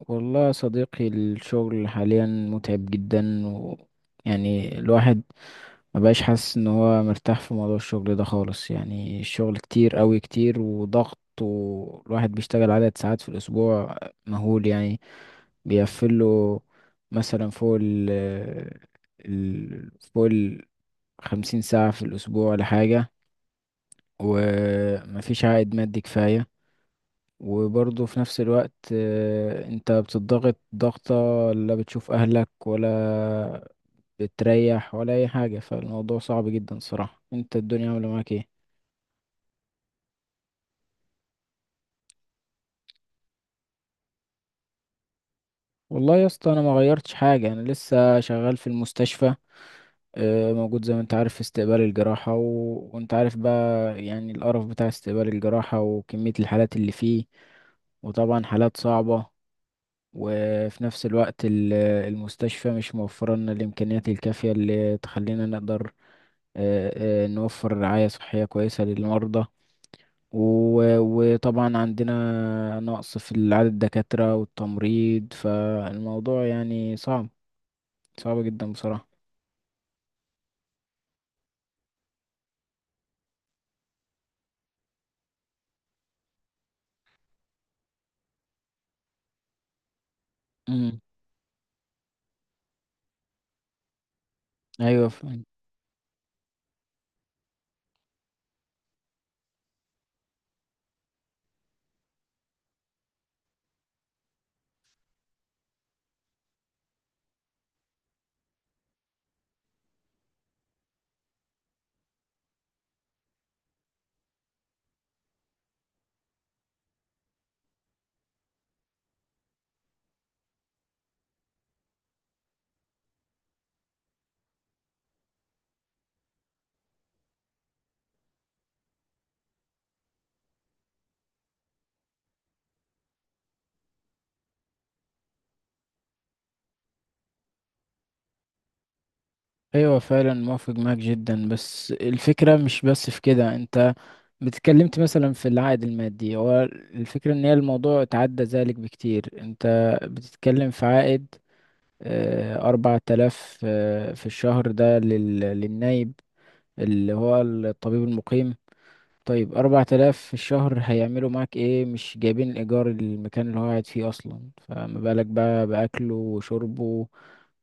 والله يا صديقي، الشغل حاليا متعب جدا، و يعني الواحد ما بقاش حاسس ان هو مرتاح في موضوع الشغل ده خالص. يعني الشغل كتير قوي كتير وضغط، والواحد بيشتغل عدد ساعات في الاسبوع مهول يعني، بيقفله مثلا فوق ال 50 ساعة في الاسبوع ولا حاجة، ومفيش عائد مادي كفاية. وبرضه في نفس الوقت، انت بتضغط ضغطة، لا بتشوف اهلك ولا بتريح ولا اي حاجة. فالموضوع صعب جدا صراحة. انت الدنيا عاملة معاك ايه؟ والله يا اسطى، انا ما غيرتش حاجة، انا لسه شغال في المستشفى، موجود زي ما انت عارف في استقبال الجراحة وانت عارف بقى يعني القرف بتاع استقبال الجراحة وكمية الحالات اللي فيه، وطبعا حالات صعبة. وفي نفس الوقت المستشفى مش موفرة لنا الإمكانيات الكافية اللي تخلينا نقدر آه، نوفر رعاية صحية كويسة للمرضى. و- وطبعا عندنا نقص في عدد الدكاترة والتمريض، فالموضوع يعني صعب، صعب جدا بصراحة. مم. أيوة. ايوه فعلا موافق معاك جدا، بس الفكره مش بس في كده. انت اتكلمت مثلا في العائد المادي، هو الفكره ان هي الموضوع اتعدى ذلك بكتير. انت بتتكلم في عائد، 4000، في الشهر ده لل... للنايب اللي هو الطبيب المقيم. طيب 4000 في الشهر هيعملوا معاك إيه؟ مش جايبين الإيجار المكان اللي هو قاعد فيه أصلا، فما بالك بقى بأكله وشربه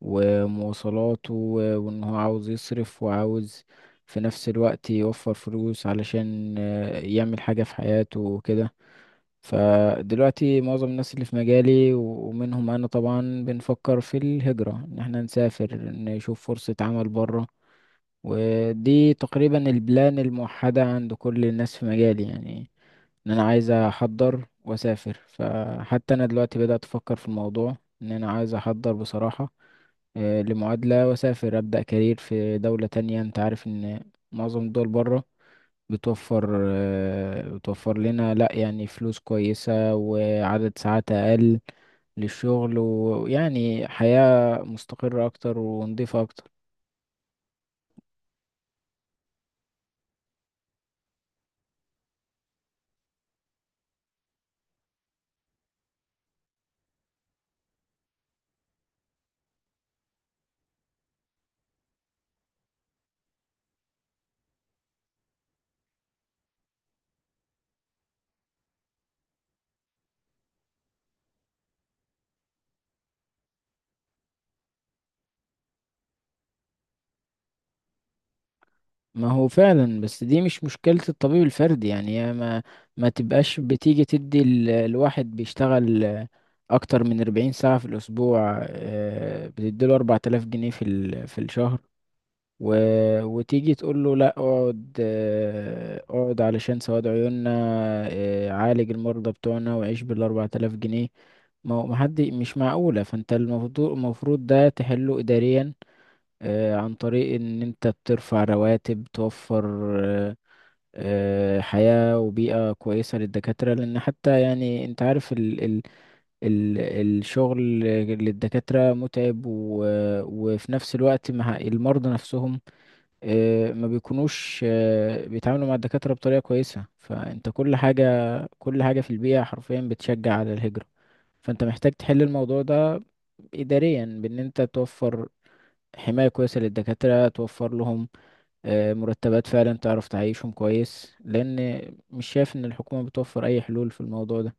ومواصلاته، و- وإن هو عاوز يصرف، وعاوز في نفس الوقت يوفر فلوس علشان يعمل حاجة في حياته وكده. فدلوقتي معظم الناس اللي في مجالي، و- ومنهم أنا طبعا، بنفكر في الهجرة، إن احنا نسافر نشوف فرصة عمل برا. ودي تقريبا البلان الموحدة عند كل الناس في مجالي يعني، ان انا عايز احضر واسافر. فحتى انا دلوقتي بدأت افكر في الموضوع، ان انا عايز احضر بصراحة لمعادلة واسافر، ابدأ كارير في دولة تانية. انت عارف ان معظم الدول بره بتوفر، بتوفر لنا لا يعني فلوس كويسة وعدد ساعات اقل للشغل، ويعني حياة مستقرة اكتر ونضيفة اكتر. ما هو فعلا، بس دي مش مشكلة الطبيب الفردي يعني. هي ما تبقاش بتيجي تدي الواحد بيشتغل، أكتر من 40 ساعة في الأسبوع، بتديله 4000 جنيه في الشهر، و... وتيجي تقول له لا، اقعد، اقعد علشان سواد عيوننا، عالج المرضى بتوعنا وعيش بالـ4000 جنيه. ما هو ما حد، مش معقولة. فأنت المفروض، ده تحله إداريا، عن طريق ان انت بترفع رواتب، توفر آه، حياة وبيئة كويسة للدكاترة. لان حتى يعني انت عارف ال الشغل للدكاترة متعب، و وفي نفس الوقت مع المرضى نفسهم، ما بيكونوش بيتعاملوا مع الدكاترة بطريقة كويسة. فانت كل حاجة، كل حاجة في البيئة حرفيا بتشجع على الهجرة. فانت محتاج تحل الموضوع ده إداريا، بان انت توفر حماية كويسة للدكاترة، توفر لهم مرتبات فعلا تعرف تعيشهم كويس. لان مش شايف ان الحكومة بتوفر اي حلول في الموضوع ده.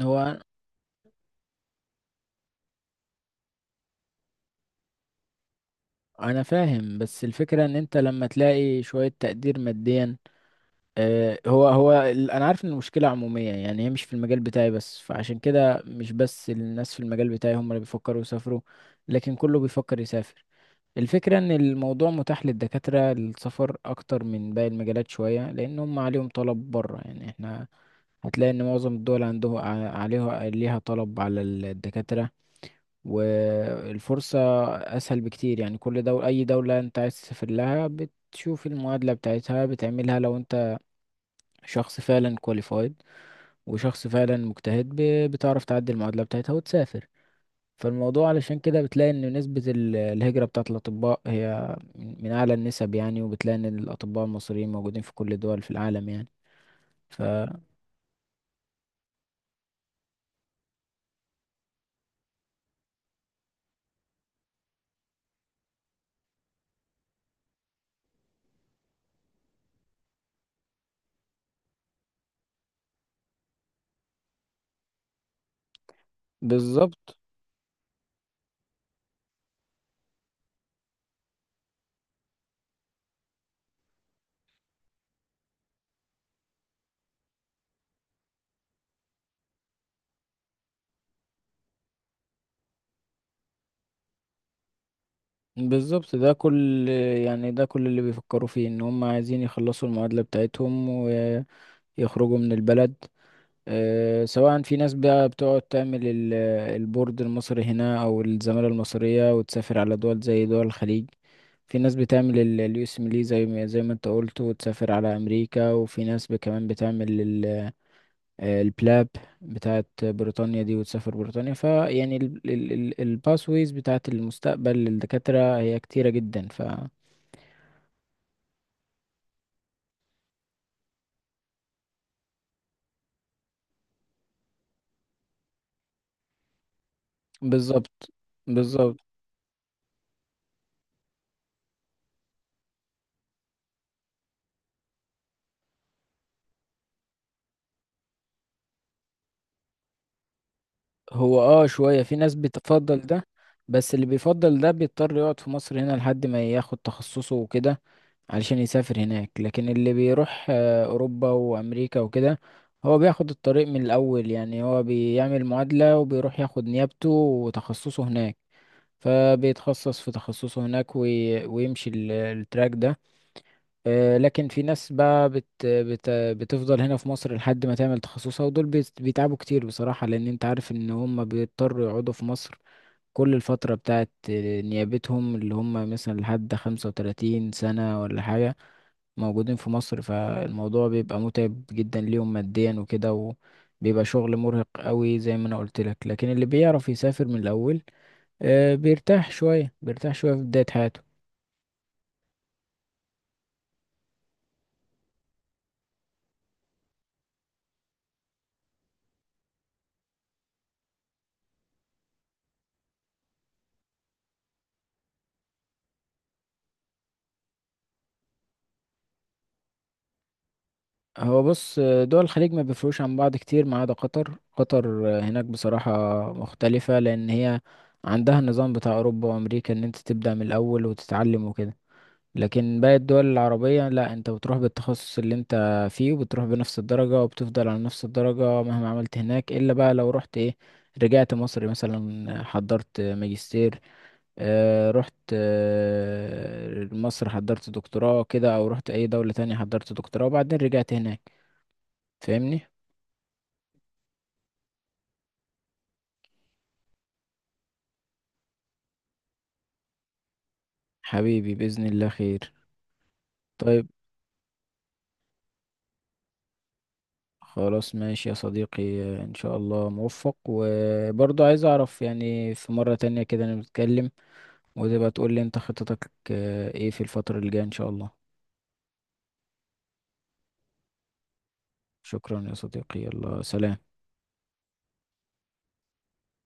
هو انا فاهم، بس الفكرة ان انت لما تلاقي شوية تقدير ماديا، انا عارف ان المشكلة عمومية يعني، هي مش في المجال بتاعي بس. فعشان كده مش بس الناس في المجال بتاعي هم اللي بيفكروا يسافروا، لكن كله بيفكر يسافر. الفكرة ان الموضوع متاح للدكاترة للسفر اكتر من باقي المجالات شوية، لان هم عليهم طلب بره يعني. احنا هتلاقي ان معظم الدول عندهم، عليها ليها طلب على الدكاترة، والفرصة اسهل بكتير يعني. كل دولة، اي دولة انت عايز تسافر لها، بتشوف المعادلة بتاعتها بتعملها. لو انت شخص فعلا كواليفايد، وشخص فعلا مجتهد، ب- بتعرف تعدي المعادلة بتاعتها وتسافر. فالموضوع علشان كده بتلاقي ان نسبة الهجرة بتاعة الأطباء هي من أعلى النسب يعني، وبتلاقي ان الأطباء المصريين موجودين في كل الدول في العالم يعني، ف... بالظبط. بالظبط ده كل يعني ده كل اللي بيفكروا فيه، ان هم عايزين يخلصوا المعادلة بتاعتهم ويخرجوا من البلد. سواء في ناس بقى بتقعد تعمل البورد المصري هنا او الزمالة المصرية وتسافر على دول زي دول الخليج، في ناس بتعمل اليو اس ميلي زي ما انت قلت وتسافر على امريكا، وفي ناس كمان بتعمل البلاب بتاعت بريطانيا دي وتسافر بريطانيا. فيعني الباسويز بتاعت المستقبل للدكاترة هي كتيرة جدا، ف... بالظبط. بالظبط هو اه شوية في ناس بتفضل ده، بس اللي بيفضل ده بيضطر يقعد في مصر هنا لحد ما ياخد تخصصه وكده علشان يسافر هناك. لكن اللي بيروح أوروبا وأمريكا وكده، هو بياخد الطريق من الأول يعني، هو بيعمل معادلة وبيروح ياخد نيابته وتخصصه هناك. فبيتخصص في تخصصه هناك، وي- ويمشي التراك ده، لكن في ناس بقى بت بت بتفضل هنا في مصر لحد ما تعمل تخصصها، ودول بيتعبوا كتير بصراحة. لأن أنت عارف إن هم بيضطروا يقعدوا في مصر كل الفترة بتاعت نيابتهم، اللي هم مثلا لحد 35 سنة ولا حاجة موجودين في مصر. فالموضوع بيبقى متعب جدا ليهم ماديا وكده، وبيبقى شغل مرهق قوي زي ما أنا قلت لك. لكن اللي بيعرف يسافر من الأول، بيرتاح شوية، بيرتاح شوية في بداية حياته. هو بص، دول الخليج ما بيفرقوش عن بعض كتير، ما عدا قطر. قطر، هناك بصراحة مختلفة، لأن هي عندها النظام بتاع أوروبا وأمريكا، إن أنت تبدأ من الأول وتتعلم وكده. لكن باقي الدول العربية لا، أنت بتروح بالتخصص اللي أنت فيه، وبتروح بنفس الدرجة، وبتفضل على نفس الدرجة مهما عملت هناك، إلا بقى لو رحت إيه، رجعت مصر مثلا، حضرت ماجستير، رحت، مصر حضرت دكتوراه كده، او رحت اي دولة تانية حضرت دكتوراه وبعدين رجعت هناك. فاهمني؟ حبيبي بإذن الله خير. طيب خلاص ماشي يا صديقي، ان شاء الله موفق. وبرضه عايز اعرف يعني، في مرة تانية كده نتكلم، وتبقى تقول لي انت خطتك، ايه في الفترة الجاية ان شاء الله. شكرا يا صديقي، يلا سلام.